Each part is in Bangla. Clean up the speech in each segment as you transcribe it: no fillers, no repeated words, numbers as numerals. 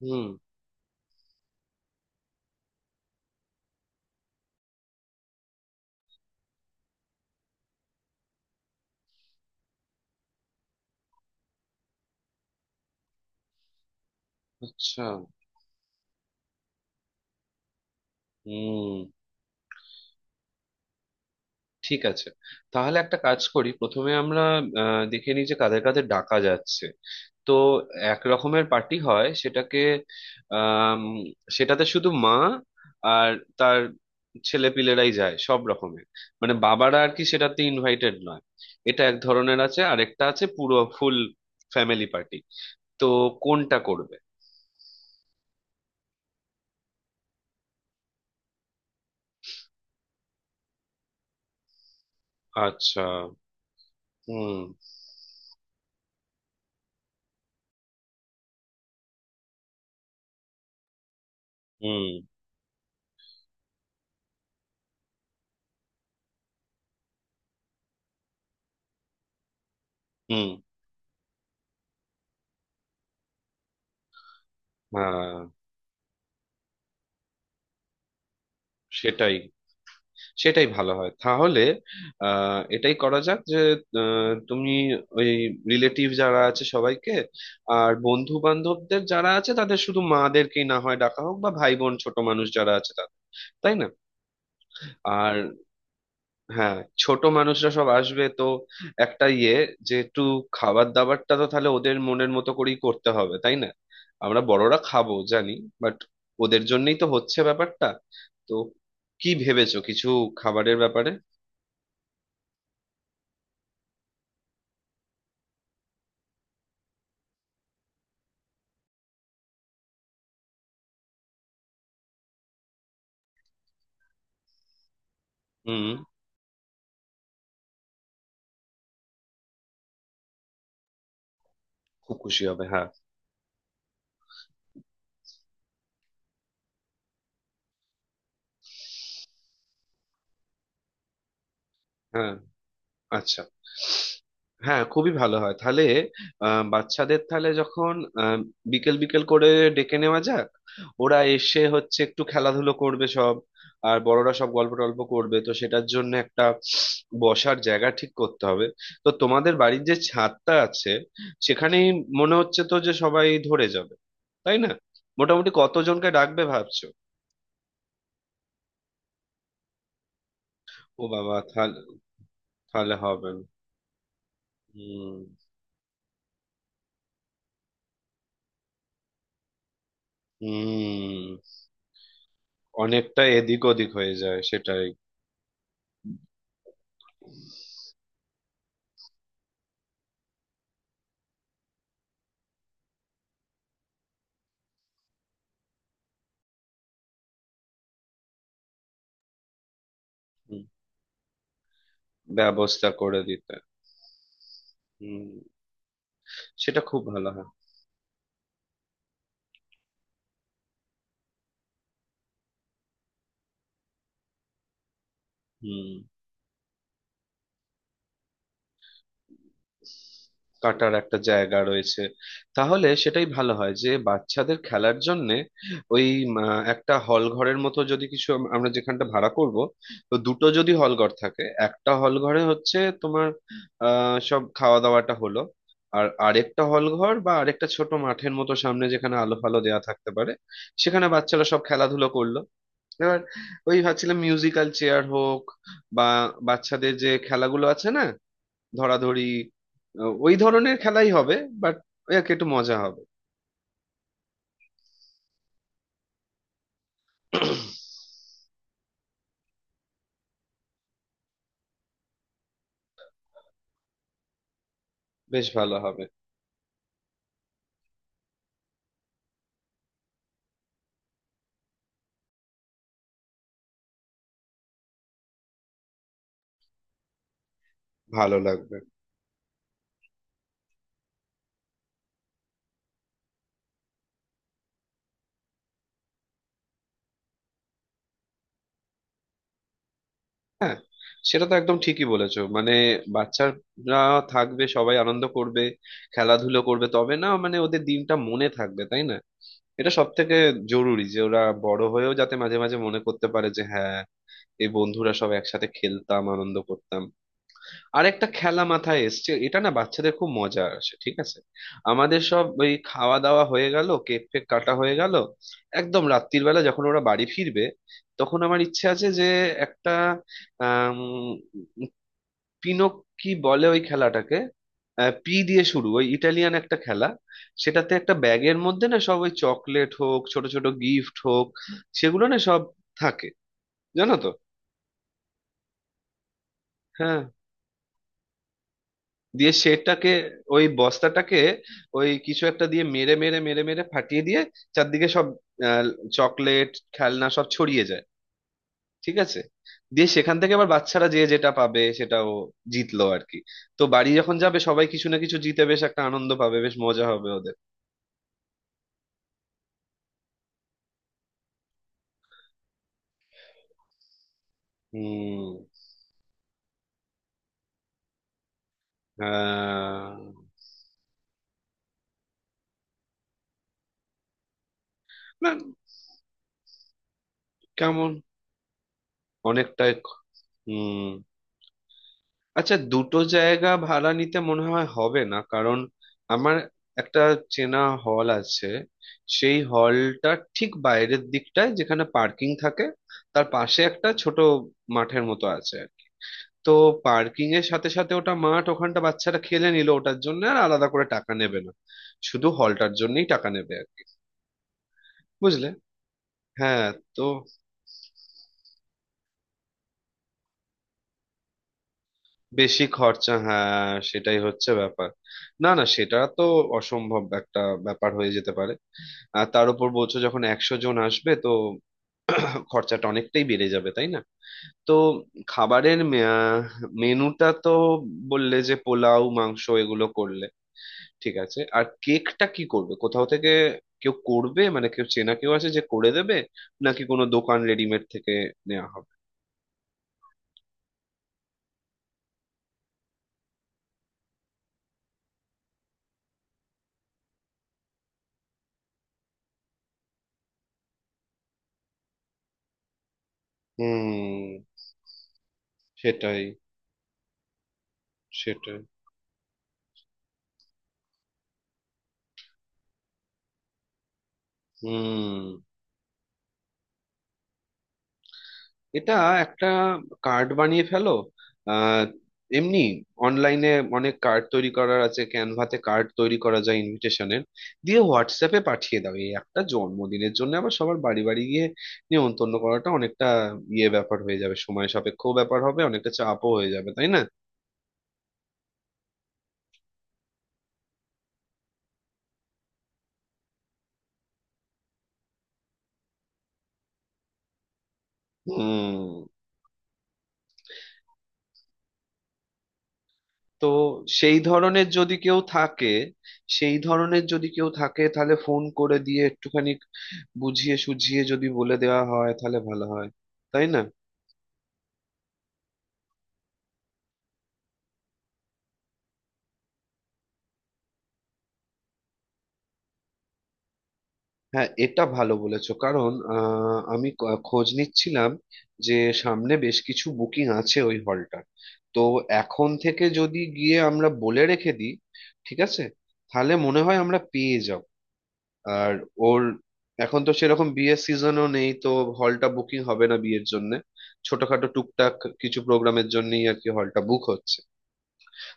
হুম। আচ্ছা। হুম। ঠিক আছে। তাহলে একটা কাজ করি, প্রথমে আমরা দেখে নিই যে কাদের কাদের ডাকা যাচ্ছে। তো এক রকমের পার্টি হয়, সেটাকে আম, সেটাতে শুধু মা আর তার ছেলে পিলেরাই যায় সব রকমের, মানে বাবারা আর কি সেটাতে ইনভাইটেড নয়। এটা এক ধরনের আছে, আর একটা আছে পুরো ফুল ফ্যামিলি পার্টি। তো কোনটা করবে? আচ্ছা। হুম। হুম। হুম। হ্যাঁ। সেটাই সেটাই ভালো হয় তাহলে। এটাই করা যাক যে, তুমি ওই রিলেটিভ যারা আছে সবাইকে, আর বন্ধু বান্ধবদের যারা আছে তাদের শুধু মাদেরকেই না হয় ডাকা হোক, বা ভাই বোন ছোট মানুষ যারা আছে তাদের, তাই না? আর হ্যাঁ, ছোট মানুষরা সব আসবে তো। একটা ইয়ে, যে একটু খাবার দাবারটা তো তাহলে ওদের মনের মতো করেই করতে হবে, তাই না? আমরা বড়রা খাবো জানি, বাট ওদের জন্যই তো হচ্ছে ব্যাপারটা। তো কি ভেবেছো কিছু খাবারের ব্যাপারে? হুম। খুব খুশি হবে। হ্যাঁ। হ্যাঁ। আচ্ছা। হ্যাঁ, খুবই ভালো হয় তাহলে। বাচ্চাদের তাহলে যখন, আহ, বিকেল বিকেল করে ডেকে নেওয়া যাক। ওরা এসে হচ্ছে একটু খেলাধুলো করবে সব, আর বড়রা সব গল্প টল্প করবে, তো সেটার জন্য একটা বসার জায়গা ঠিক করতে হবে। তো তোমাদের বাড়ির যে ছাদটা আছে, সেখানেই মনে হচ্ছে তো যে সবাই ধরে যাবে, তাই না? মোটামুটি কতজনকে ডাকবে ভাবছো? ও বাবা, তাহলে তাহলে হবে না। হুম। হুম। অনেকটা এদিক ওদিক হয়ে যায়, সেটাই। হুম, ব্যবস্থা করে দিতে। হুম। সেটা খুব ভালো হয়। হুম। কাটার একটা জায়গা রয়েছে। তাহলে সেটাই ভালো হয় যে বাচ্চাদের খেলার জন্য ওই একটা হল ঘরের মতো যদি কিছু, আমরা যেখানটা ভাড়া করব। তো দুটো যদি হল ঘর থাকে, একটা হল ঘরে হচ্ছে তোমার সব খাওয়া দাওয়াটা হলো, আর আরেকটা হল ঘর বা আরেকটা ছোট মাঠের মতো সামনে যেখানে আলো ফালো দেওয়া থাকতে পারে, সেখানে বাচ্চারা সব খেলাধুলো করলো। এবার ওই ভাবছিলাম মিউজিক্যাল চেয়ার হোক, বা বাচ্চাদের যে খেলাগুলো আছে না, ধরাধরি, ওই ধরনের খেলাই হবে। বাট ওই আর কি একটু মজা হবে। বেশ ভালো হবে। ভালো লাগবে। হ্যাঁ, সেটা তো একদম ঠিকই বলেছো, মানে বাচ্চারা থাকবে, সবাই আনন্দ করবে, খেলাধুলো করবে, তবে না মানে ওদের দিনটা মনে থাকবে, তাই না? এটা সব থেকে জরুরি যে ওরা বড় হয়েও যাতে মাঝে মাঝে মনে করতে পারে যে, হ্যাঁ, এই বন্ধুরা সব একসাথে খেলতাম আনন্দ করতাম। আরেকটা খেলা মাথায় এসছে, এটা না বাচ্চাদের খুব মজা আসে, ঠিক আছে। আমাদের সব ওই খাওয়া দাওয়া হয়ে গেল, কেক ফেক কাটা হয়ে গেল, একদম রাত্রির বেলা যখন ওরা বাড়ি ফিরবে, তখন আমার ইচ্ছে আছে যে একটা আম, পিনক, কি বলে ওই খেলাটাকে, পি দিয়ে শুরু, ওই ইটালিয়ান একটা খেলা। সেটাতে একটা ব্যাগের মধ্যে না সব ওই চকলেট হোক, ছোট ছোট গিফট হোক, সেগুলো না সব থাকে, জানো তো। হ্যাঁ, দিয়ে সেটাকে, ওই বস্তাটাকে ওই কিছু একটা দিয়ে মেরে মেরে মেরে মেরে ফাটিয়ে দিয়ে চারদিকে সব চকলেট খেলনা সব ছড়িয়ে যায়, ঠিক আছে? দিয়ে সেখান থেকে আবার বাচ্চারা যে যেটা পাবে সেটা ও জিতলো আর কি। তো বাড়ি যখন যাবে, সবাই কিছু না কিছু জিতে বেশ একটা আনন্দ পাবে, বেশ মজা হবে ওদের। হুম। আহ, না। কেমন? অনেকটাই। হুম। আচ্ছা, দুটো জায়গা ভাড়া নিতে মনে হয় হবে না, কারণ আমার একটা চেনা হল আছে। সেই হলটা ঠিক বাইরের দিকটায় যেখানে পার্কিং থাকে, তার পাশে একটা ছোট মাঠের মতো আছে আর কি। তো পার্কিং এর সাথে সাথে ওটা মাঠ, ওখানটা বাচ্চারা খেলে নিল, ওটার জন্য আর আলাদা করে টাকা নেবে না, শুধু হলটার জন্যই টাকা নেবে আর কি, বুঝলে? হ্যাঁ। তো বেশি খরচা, হ্যাঁ, সেটাই হচ্ছে ব্যাপার। না না, সেটা তো অসম্ভব একটা ব্যাপার হয়ে যেতে পারে। আর তার উপর বলছো যখন একশো জন আসবে, তো খরচাটা অনেকটাই বেড়ে যাবে, তাই না? তো খাবারের মেনুটা তো বললে যে পোলাও মাংস এগুলো করলে ঠিক আছে। আর কেকটা কি করবে? কোথাও থেকে কেউ করবে, মানে কেউ চেনা কেউ আছে যে করে দেবে, নাকি কোনো দোকান রেডিমেড থেকে নেওয়া হবে? হুম। সেটাই। সেটাই। হুম। এটা একটা কার্ড বানিয়ে ফেলো। আহ এমনি অনলাইনে অনেক কার্ড তৈরি করার আছে, ক্যানভাতে কার্ড তৈরি করা যায় ইনভিটেশনের, দিয়ে হোয়াটসঅ্যাপে পাঠিয়ে দাও। এই একটা জন্মদিনের জন্য আবার সবার বাড়ি বাড়ি গিয়ে নিমন্ত্রণ করাটা অনেকটা ইয়ে ব্যাপার হয়ে যাবে, সময় সাপেক্ষ ব্যাপার হবে, অনেকটা চাপও হয়ে যাবে, তাই না? হুম। তো সেই ধরনের যদি কেউ থাকে, সেই ধরনের যদি কেউ থাকে তাহলে ফোন করে দিয়ে একটুখানি বুঝিয়ে সুঝিয়ে যদি বলে দেওয়া হয় তাহলে ভালো হয়, তাই না? হ্যাঁ, এটা ভালো বলেছো। কারণ আমি খোঁজ নিচ্ছিলাম যে সামনে বেশ কিছু বুকিং আছে ওই হলটার। তো এখন থেকে যদি গিয়ে আমরা বলে রেখে দিই, ঠিক আছে, তাহলে মনে হয় আমরা পেয়ে যাব। আর ওর এখন তো সেরকম বিয়ের সিজনও নেই, তো হলটা বুকিং হবে না বিয়ের জন্য। ছোটখাটো টুকটাক কিছু প্রোগ্রামের জন্যই আর কি হলটা বুক হচ্ছে।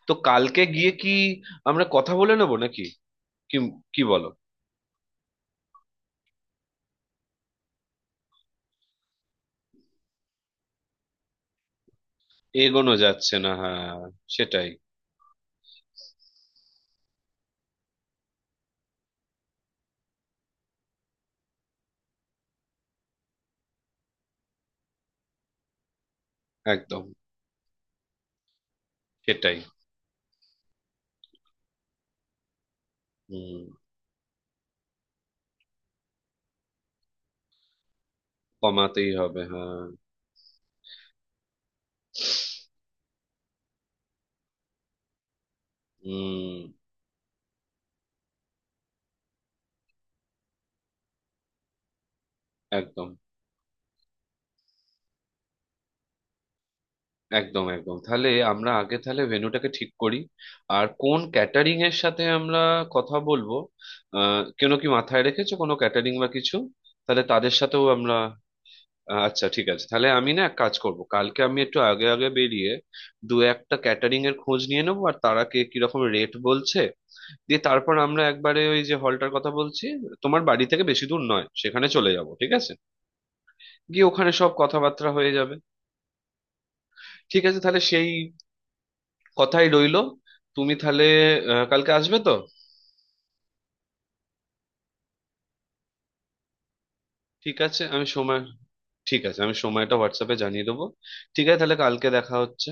তো কালকে গিয়ে কি আমরা কথা বলে নেবো নাকি, কি কি বলো? এগোনো যাচ্ছে না, হ্যাঁ, সেটাই। একদম। সেটাই। হুম। কমাতেই হবে, হ্যাঁ। হুম। একদম একদম একদম তাহলে আমরা আগে তাহলে ভেন্যুটাকে ঠিক করি। আর কোন ক্যাটারিং এর সাথে আমরা কথা বলবো? কেন কি মাথায় রেখেছো কোনো ক্যাটারিং বা কিছু? তাহলে তাদের সাথেও আমরা। আচ্ছা ঠিক আছে, তাহলে আমি না এক কাজ করব, কালকে আমি একটু আগে আগে বেরিয়ে দু একটা ক্যাটারিং এর খোঁজ নিয়ে নেবো, আর তারা কে কিরকম রেট বলছে, দিয়ে তারপর আমরা একবারে ওই যে হলটার কথা বলছি তোমার বাড়ি থেকে বেশি দূর নয়, সেখানে চলে যাব, ঠিক আছে? গিয়ে ওখানে সব কথাবার্তা হয়ে যাবে। ঠিক আছে, তাহলে সেই কথাই রইলো। তুমি তাহলে কালকে আসবে তো? ঠিক আছে। আমি সময় ঠিক আছে, আমি সময়টা হোয়াটসঅ্যাপে জানিয়ে দেবো। ঠিক আছে, তাহলে কালকে দেখা হচ্ছে।